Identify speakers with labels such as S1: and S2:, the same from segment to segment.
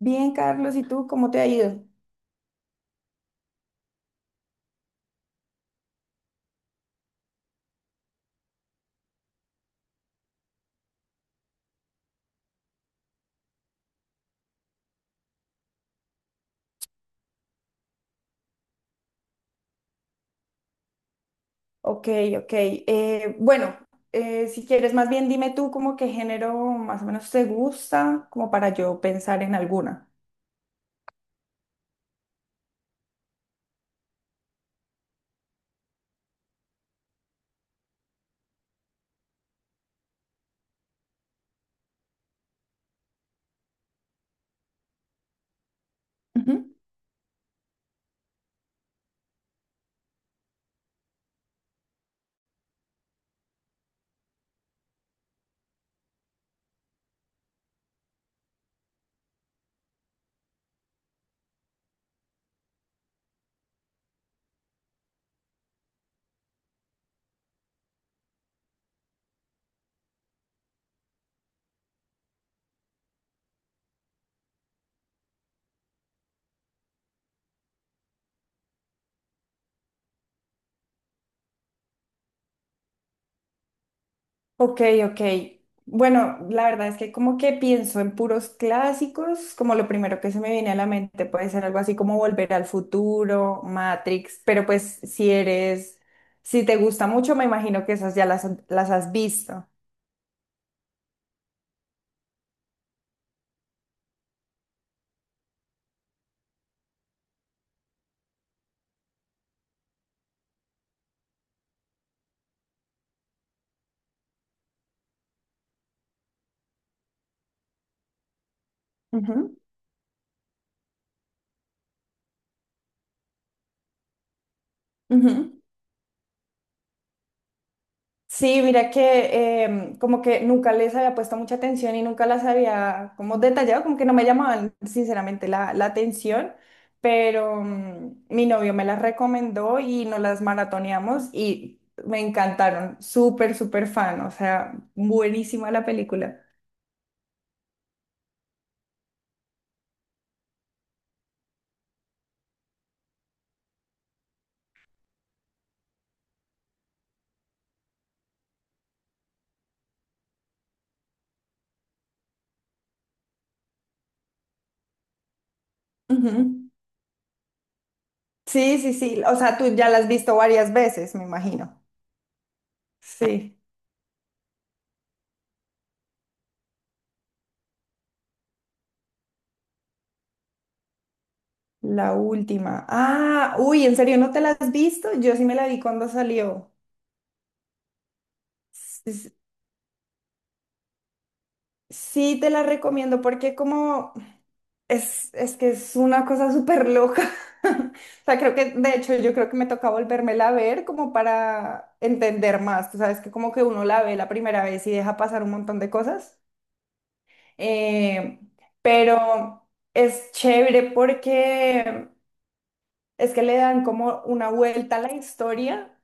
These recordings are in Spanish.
S1: Bien, Carlos, ¿y tú cómo te ha ido? Ok, ok. Bueno, si quieres, más bien dime tú como qué género más o menos te gusta, como para yo pensar en alguna. Ujú. Ok, ok. Bueno, la verdad es que como que pienso en puros clásicos, como lo primero que se me viene a la mente puede ser algo así como Volver al Futuro, Matrix, pero pues si eres, si te gusta mucho, me imagino que esas ya las has visto. Ujú, ujú. Sí, mira que como que nunca les había puesto mucha atención y nunca las había como detallado, como que no me llamaban sinceramente la atención, pero mi novio me las recomendó y nos las maratoneamos y me encantaron, súper, súper fan, o sea, buenísima la película. Ujú. Sí, sí, sí, o sea, tú ya la has visto varias veces, me imagino. Sí, la última. Ah, uy, ¿en serio no te la has visto? Yo sí me la vi cuando salió. Sí, te la recomiendo porque como es que es una cosa súper loca. O sea, creo que, de hecho, yo creo que me toca volvérmela a ver como para entender más. Tú sabes que como que uno la ve la primera vez y deja pasar un montón de cosas. Eh, pero es chévere porque es que le dan como una vuelta a la historia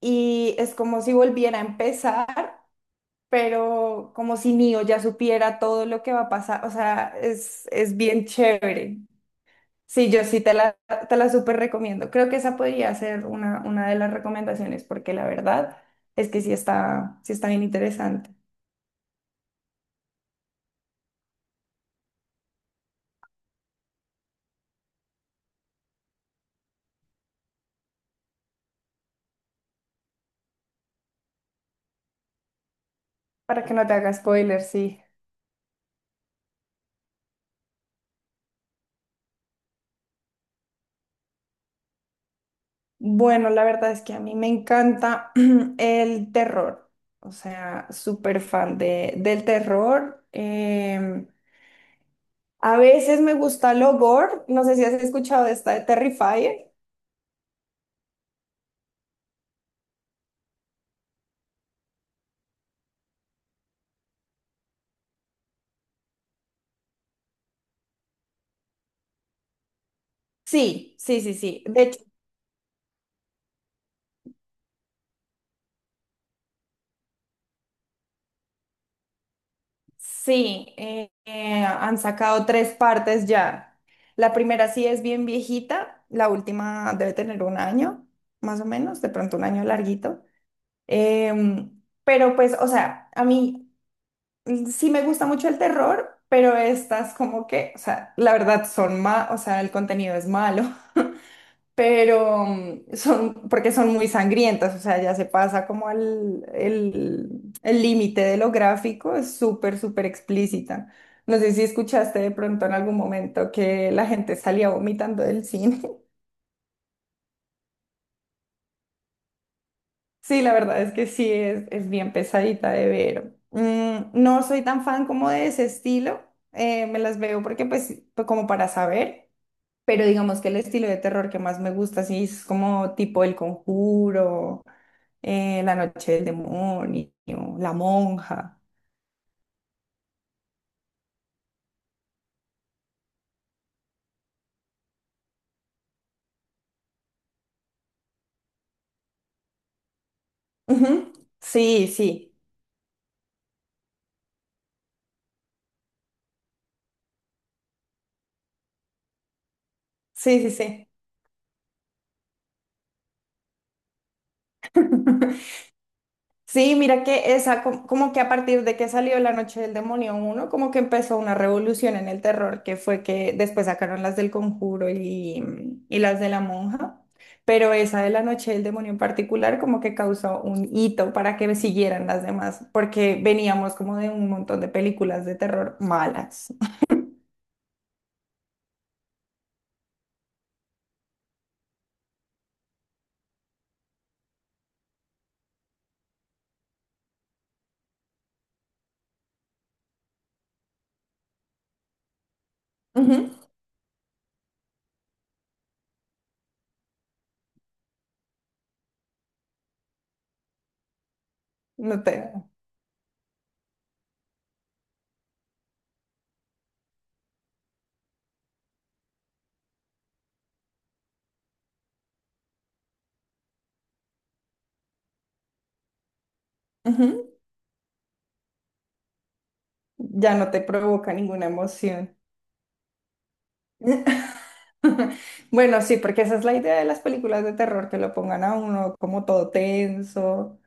S1: y es como si volviera a empezar. Pero como si Neo ya supiera todo lo que va a pasar, o sea, es bien chévere. Sí, yo sí te te la súper recomiendo. Creo que esa podría ser una de las recomendaciones, porque la verdad es que sí está bien interesante. Para que no te haga spoiler, sí. Bueno, la verdad es que a mí me encanta el terror, o sea, súper fan de, del terror. A veces me gusta lo gore, no sé si has escuchado de esta de Terrifier. Sí, sí, sí, sí. De hecho, sí, han sacado 3 partes ya. La primera sí es bien viejita, la última debe tener 1 año, más o menos, de pronto 1 año larguito. Pero pues, o sea, a mí, mm, sí me gusta mucho el terror, pero estas como que, o sea, la verdad son más, o sea, el contenido es malo. Pero porque son muy sangrientas, o sea, ya se pasa como al el límite de lo gráfico, es súper, súper explícita. No sé si escuchaste de pronto en algún momento que la gente salía vomitando del cine. Sí, la verdad es que sí, es bien pesadita de ver. Mm, no soy tan fan como de ese estilo, me las veo porque pues como para saber, pero digamos que el estilo de terror que más me gusta sí es como tipo El Conjuro, La noche del demonio, La monja. Ujú. Sí, sí, sí, sí, sí. Sí, mira que esa, como que a partir de que salió La Noche del Demonio uno como que empezó una revolución en el terror, que fue que después sacaron las del Conjuro y, y las de la Monja, pero esa de La Noche del Demonio en particular como que causó un hito para que siguieran las demás, porque veníamos como de un montón de películas de terror malas. Ujú. No te... ujú. Ya no te provoca ninguna emoción. Bueno, sí, porque esa es la idea de las películas de terror, que lo pongan a uno como todo tenso.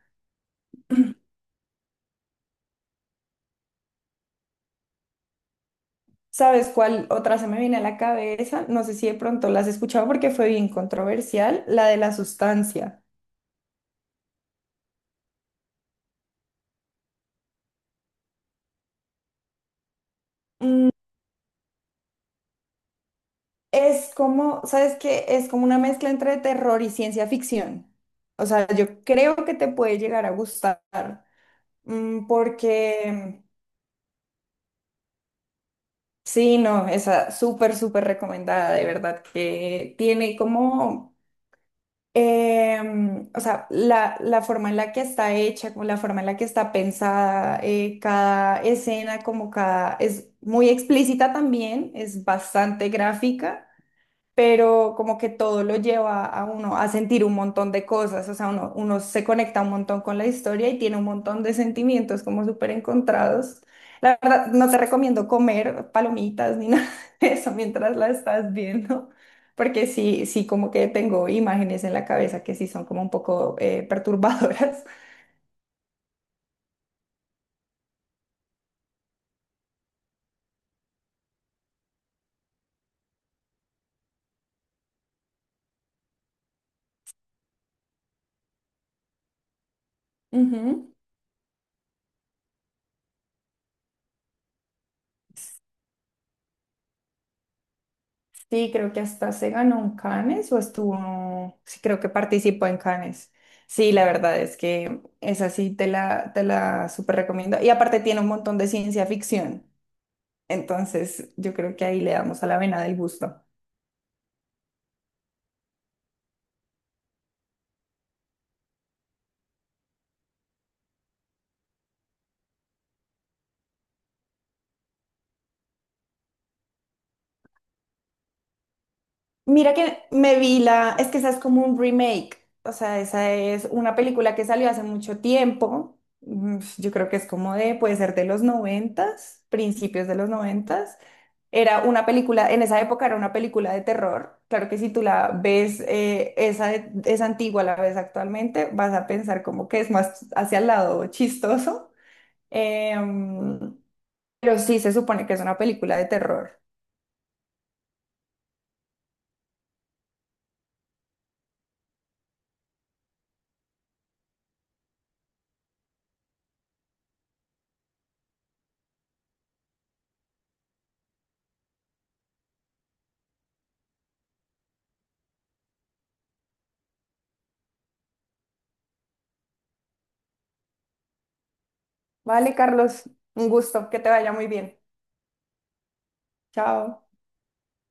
S1: ¿Sabes cuál otra se me viene a la cabeza? No sé si de pronto la has escuchado porque fue bien controversial, la de la sustancia. Mm, es como, ¿sabes qué? Es como una mezcla entre terror y ciencia ficción. O sea, yo creo que te puede llegar a gustar, mm, porque sí, no, esa súper, súper recomendada, de verdad, que tiene como, o sea, la forma en la que está hecha, como la forma en la que está pensada, cada escena, como cada, es muy explícita también, es bastante gráfica, pero como que todo lo lleva a uno a sentir un montón de cosas, o sea, uno se conecta un montón con la historia y tiene un montón de sentimientos como súper encontrados. La verdad, no te recomiendo comer palomitas ni nada de eso mientras la estás viendo, porque sí, sí, como que tengo imágenes en la cabeza que sí son como un poco perturbadoras. Ujú. Sí, creo que hasta se ganó un Cannes o estuvo, sí, creo que participó en Cannes. Sí, la verdad es que esa sí te te la súper recomiendo. Y aparte tiene un montón de ciencia ficción. Entonces, yo creo que ahí le damos a la vena del gusto. Mira que me vi la, es que esa es como un remake, o sea, esa es una película que salió hace mucho tiempo, mm, yo creo que es como de, puede ser de los noventas, principios de los noventas, era una película, en esa época era una película de terror, claro que si tú la ves, es antigua, la ves actualmente, vas a pensar como que es más hacia el lado chistoso, em, pero sí se supone que es una película de terror. Vale, Carlos, un gusto, que te vaya muy bien. Chao.